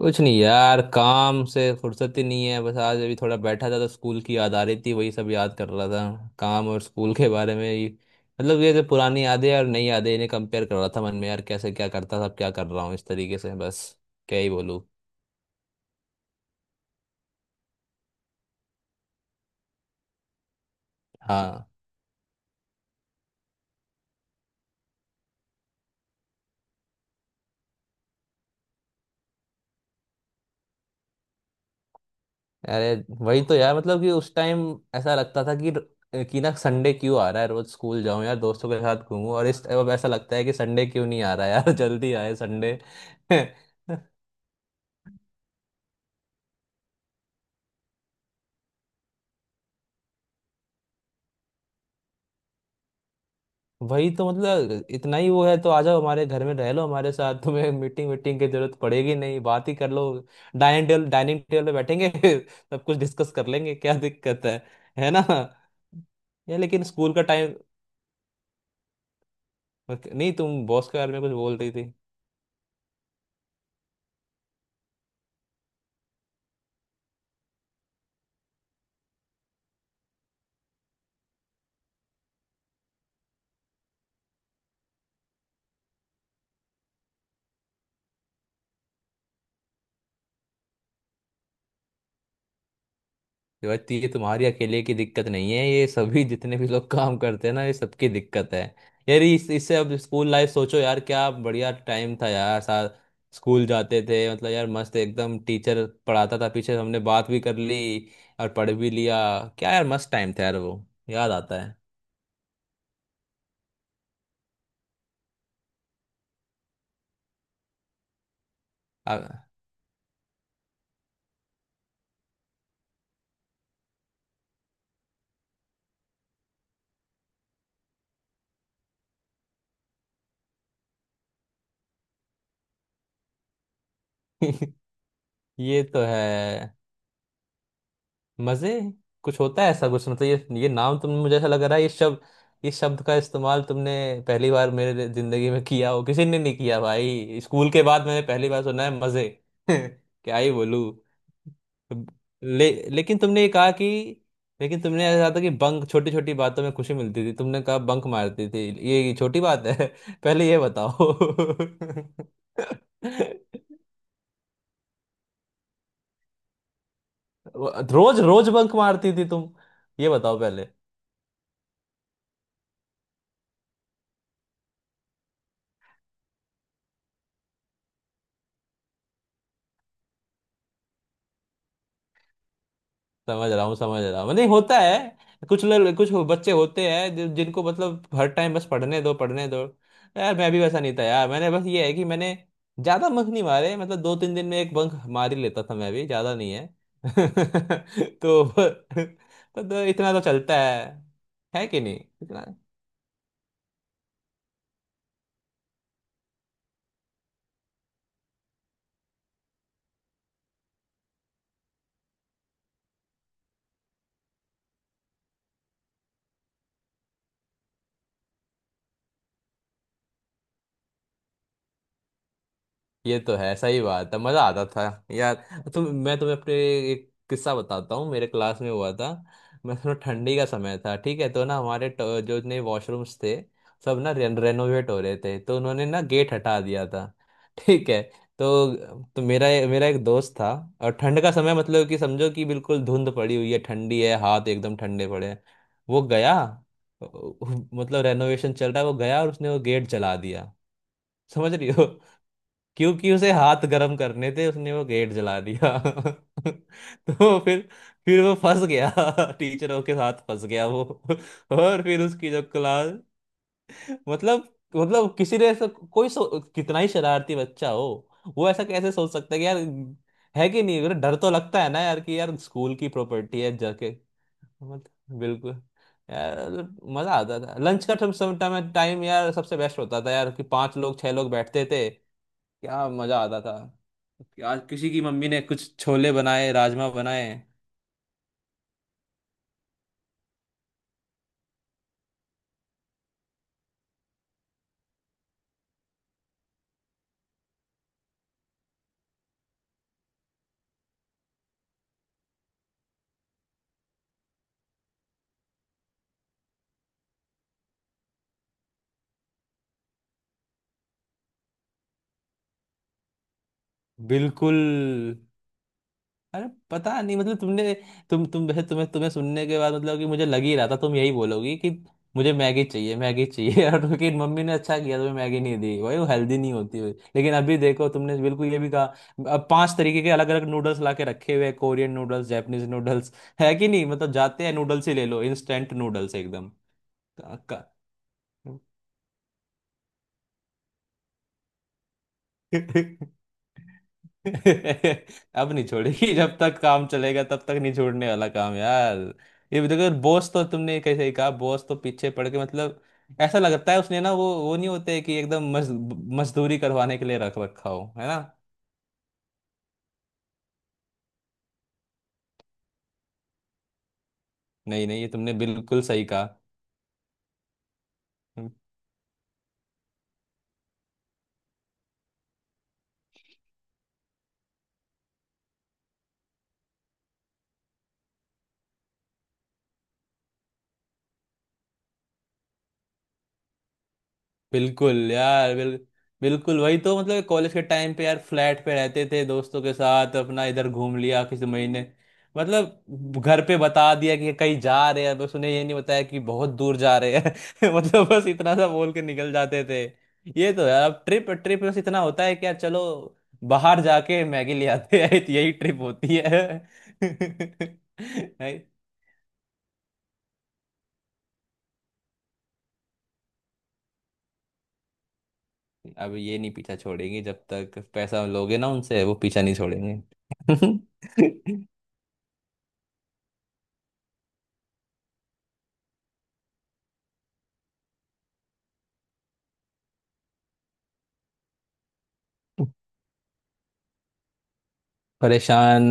कुछ नहीं यार, काम से फुर्सत ही नहीं है। बस आज अभी थोड़ा बैठा था तो स्कूल की याद आ रही थी, वही सब याद कर रहा था। काम और स्कूल के बारे में ही। मतलब ये जो पुरानी यादें और नई यादें इन्हें कंपेयर कर रहा था मन में, यार कैसे क्या करता था अब क्या कर रहा हूँ इस तरीके से बस। क्या ही बोलूँ। हाँ। अरे वही तो यार, मतलब कि उस टाइम ऐसा लगता था कि ना संडे क्यों आ रहा है, रोज स्कूल जाऊं यार दोस्तों के साथ घूमूं। और इस अब ऐसा लगता है कि संडे क्यों नहीं आ रहा यार जल्दी आए संडे। वही तो, मतलब इतना ही वो है तो आ जाओ हमारे घर में रह लो हमारे साथ तुम्हें मीटिंग वीटिंग की जरूरत पड़ेगी नहीं, बात ही कर लो। डाइनिंग टेबल पे बैठेंगे सब कुछ डिस्कस कर लेंगे, क्या दिक्कत है। है ना। या लेकिन स्कूल का टाइम। नहीं, तुम बॉस के बारे में कुछ बोल रही थी। शिवाजी, ये तुम्हारी अकेले की दिक्कत नहीं है, ये सभी जितने भी लोग काम करते हैं ना, ये सबकी दिक्कत है। यार इस इससे अब स्कूल लाइफ सोचो यार, क्या बढ़िया टाइम था यार। साथ स्कूल जाते थे, मतलब यार मस्त एकदम। टीचर पढ़ाता था, पीछे हमने बात भी कर ली और पढ़ भी लिया। क्या यार मस्त टाइम था यार वो। याद आता है। आ- ये तो है। मजे कुछ होता है ऐसा कुछ? मतलब ये नाम तुमने, मुझे ऐसा लग रहा है ये शब्द, ये शब्द का इस्तेमाल तुमने पहली बार मेरे जिंदगी में किया हो, किसी ने नहीं किया भाई। स्कूल के बाद मैंने पहली बार सुना है मजे। क्या ही बोलूं। लेकिन तुमने ये कहा कि, लेकिन तुमने ऐसा था कि बंक, छोटी छोटी बातों में खुशी मिलती थी तुमने कहा, बंक मारती थी, ये छोटी बात है पहले ये बताओ रोज रोज बंक मारती थी तुम? ये बताओ पहले। समझ रहा हूँ समझ रहा हूँ, नहीं होता है। कुछ लोग, बच्चे होते हैं जिनको मतलब हर टाइम बस पढ़ने दो पढ़ने दो। यार मैं भी वैसा नहीं था यार, मैंने बस ये है कि मैंने ज्यादा बंक नहीं मारे। मतलब दो तीन दिन में एक बंक मार ही लेता था मैं, भी ज्यादा नहीं है तो इतना तो चलता है। है कि नहीं इतना। ये तो है सही बात है, मजा आता था यार। तुम मैं तुम्हें अपने एक किस्सा बताता हूँ, मेरे क्लास में हुआ था। मैं थोड़ा, ठंडी का समय था ठीक है, तो ना हमारे जो नए वॉशरूम्स थे सब ना रेनोवेट हो रहे थे तो उन्होंने ना गेट हटा दिया था ठीक है, तो मेरा मेरा एक दोस्त था। और ठंड का समय, मतलब कि समझो कि बिल्कुल धुंध पड़ी हुई है, ठंडी है, हाथ एकदम ठंडे पड़े हैं। वो गया, मतलब रेनोवेशन चल रहा है, वो गया और उसने वो गेट जला दिया। समझ रही हो? क्योंकि उसे हाथ गर्म करने थे, उसने वो गेट जला दिया तो फिर वो फंस गया टीचरों के साथ फंस गया वो और फिर उसकी जो क्लास, मतलब मतलब किसी ने ऐसा कोई कितना ही शरारती बच्चा हो, वो ऐसा कैसे सोच सकता है कि यार। है कि नहीं, मतलब डर तो लगता है ना यार, कि यार स्कूल की प्रॉपर्टी है, जाके मत। बिल्कुल। यार मजा आता था लंच का, टाइम टाइम यार सबसे बेस्ट होता था यार कि पांच लोग छह लोग बैठते थे, क्या मजा आता था, क्या किसी की मम्मी ने कुछ छोले बनाए, राजमा बनाए। बिल्कुल। अरे पता नहीं मतलब तुमने, तुम वैसे तुम्हें तुम्हें सुनने के बाद मतलब कि मुझे लग ही रहा था तुम यही बोलोगी कि मुझे मैगी चाहिए, मैगी चाहिए और क्योंकि मम्मी ने अच्छा किया तुम्हें मैगी नहीं दी भाई, वो हेल्दी नहीं होती हुई। लेकिन अभी देखो, तुमने बिल्कुल ये भी कहा, अब पांच तरीके के अलग अलग नूडल्स ला के रखे हुए हैं, कोरियन नूडल्स, जापानीज नूडल्स। है कि नहीं, मतलब जाते हैं नूडल्स ही ले लो, इंस्टेंट नूडल्स एकदम। अब नहीं छोड़ेगी, जब तक काम चलेगा तब तक नहीं छोड़ने वाला काम यार। ये भी देखो, बॉस तो तुमने कैसे ही कहा, बॉस तो पीछे पड़ के मतलब, ऐसा लगता है उसने ना, वो नहीं होते कि एकदम मजदूरी करवाने के लिए रख रखा हो, है ना। नहीं नहीं, ये तुमने बिल्कुल सही कहा। बिल्कुल यार, बिल्कुल वही तो, मतलब कॉलेज के टाइम पे यार फ्लैट पे रहते थे दोस्तों के साथ, अपना इधर घूम लिया किसी महीने, मतलब घर पे बता दिया कि कहीं जा रहे हैं, बस उन्हें ये नहीं बताया कि बहुत दूर जा रहे हैं मतलब बस इतना सा बोल के निकल जाते थे। ये तो यार, अब ट्रिप, ट्रिप बस इतना होता है कि यार चलो बाहर जाके मैगी ले आते हैं यही ट्रिप होती है नहीं, अब ये नहीं पीछा छोड़ेंगे, जब तक पैसा लोगे ना उनसे, वो पीछा नहीं छोड़ेंगे। परेशान।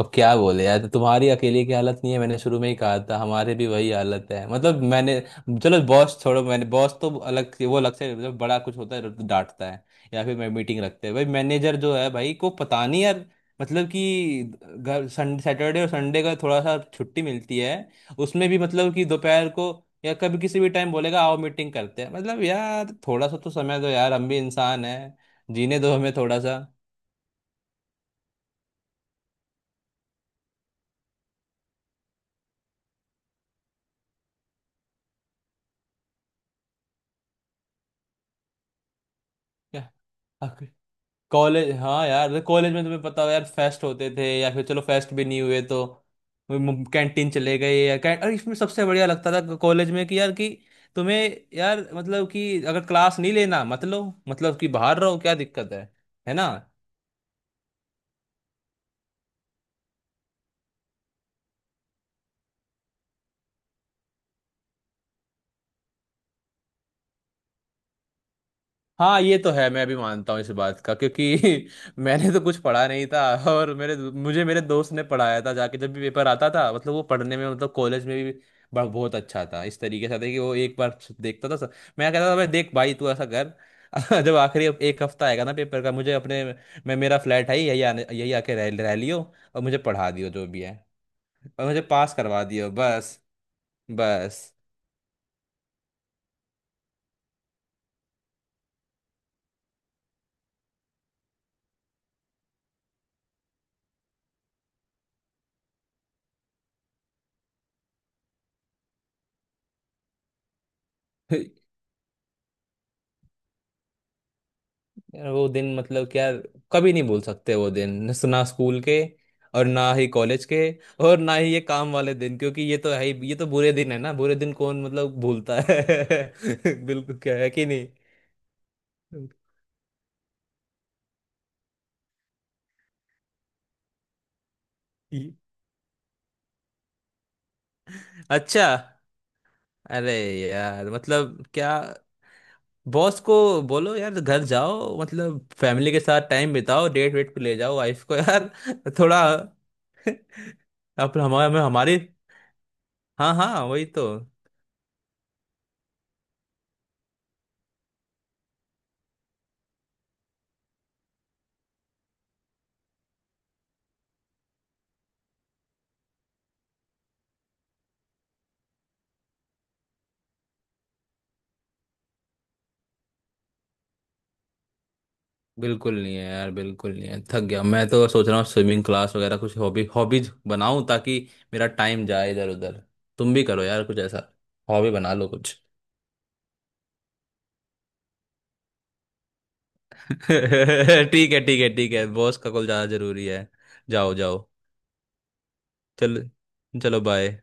अब क्या बोले यार, तो तुम्हारी अकेले की हालत नहीं है, मैंने शुरू में ही कहा था हमारे भी वही हालत है। मतलब मैंने, चलो बॉस छोड़ो, मैंने बॉस तो वो अलग से, मतलब बड़ा कुछ होता है तो डांटता है, या फिर मैं, मीटिंग रखते हैं भाई मैनेजर जो है भाई को, पता नहीं यार। मतलब कि घर, संडे सैटरडे और संडे का थोड़ा सा छुट्टी मिलती है, उसमें भी मतलब कि दोपहर को या कभी किसी भी टाइम बोलेगा आओ मीटिंग करते हैं। मतलब यार थोड़ा सा तो समय दो यार, हम भी इंसान हैं, जीने दो हमें थोड़ा सा। क्या कॉलेज, हाँ यार मतलब कॉलेज में तुम्हें पता हो यार, फेस्ट होते थे, या फिर चलो फेस्ट भी नहीं हुए तो कैंटीन चले गए, या कै... और इसमें सबसे बढ़िया लगता था कॉलेज में कि यार कि तुम्हें, यार मतलब कि अगर क्लास नहीं लेना मतलब कि बाहर रहो, क्या दिक्कत है। है ना। हाँ ये तो है, मैं भी मानता हूँ इस बात का क्योंकि मैंने तो कुछ पढ़ा नहीं था और मेरे मुझे मेरे दोस्त ने पढ़ाया था जाके, जब भी पेपर आता था मतलब, वो पढ़ने में मतलब कॉलेज में भी बहुत अच्छा था। इस तरीके से था कि वो एक बार देखता था सब, मैं कहता था, भाई देख भाई तू ऐसा कर जब आखिरी एक हफ्ता आएगा ना पेपर का, मुझे अपने, मैं मेरा फ्लैट है ही, यही आने, यही आके रह रह लियो, और मुझे पढ़ा दियो जो भी है, और मुझे पास करवा दियो बस, बस यार वो दिन मतलब क्या, कभी नहीं भूल सकते वो दिन ना स्कूल के और ना ही कॉलेज के और ना ही ये काम वाले दिन। क्योंकि ये तो है ही, ये तो बुरे दिन है ना, बुरे दिन कौन मतलब भूलता है बिल्कुल, क्या है कि नहीं। ये-, अच्छा, अरे यार मतलब क्या, बॉस को बोलो यार घर जाओ, मतलब फैमिली के साथ टाइम बिताओ, डेट वेट पे ले जाओ वाइफ को यार, थोड़ा अब हमारे हमारी, हाँ हाँ वही तो। बिल्कुल नहीं है यार, बिल्कुल नहीं है, थक गया। मैं तो सोच रहा हूँ स्विमिंग क्लास वगैरह कुछ हॉबी, हॉबीज बनाऊं, ताकि मेरा टाइम जाए इधर उधर। तुम भी करो यार कुछ ऐसा, हॉबी बना लो कुछ। ठीक है ठीक है ठीक है, बॉस का कॉल ज़्यादा ज़रूरी है। जाओ जाओ। चल, चलो बाय।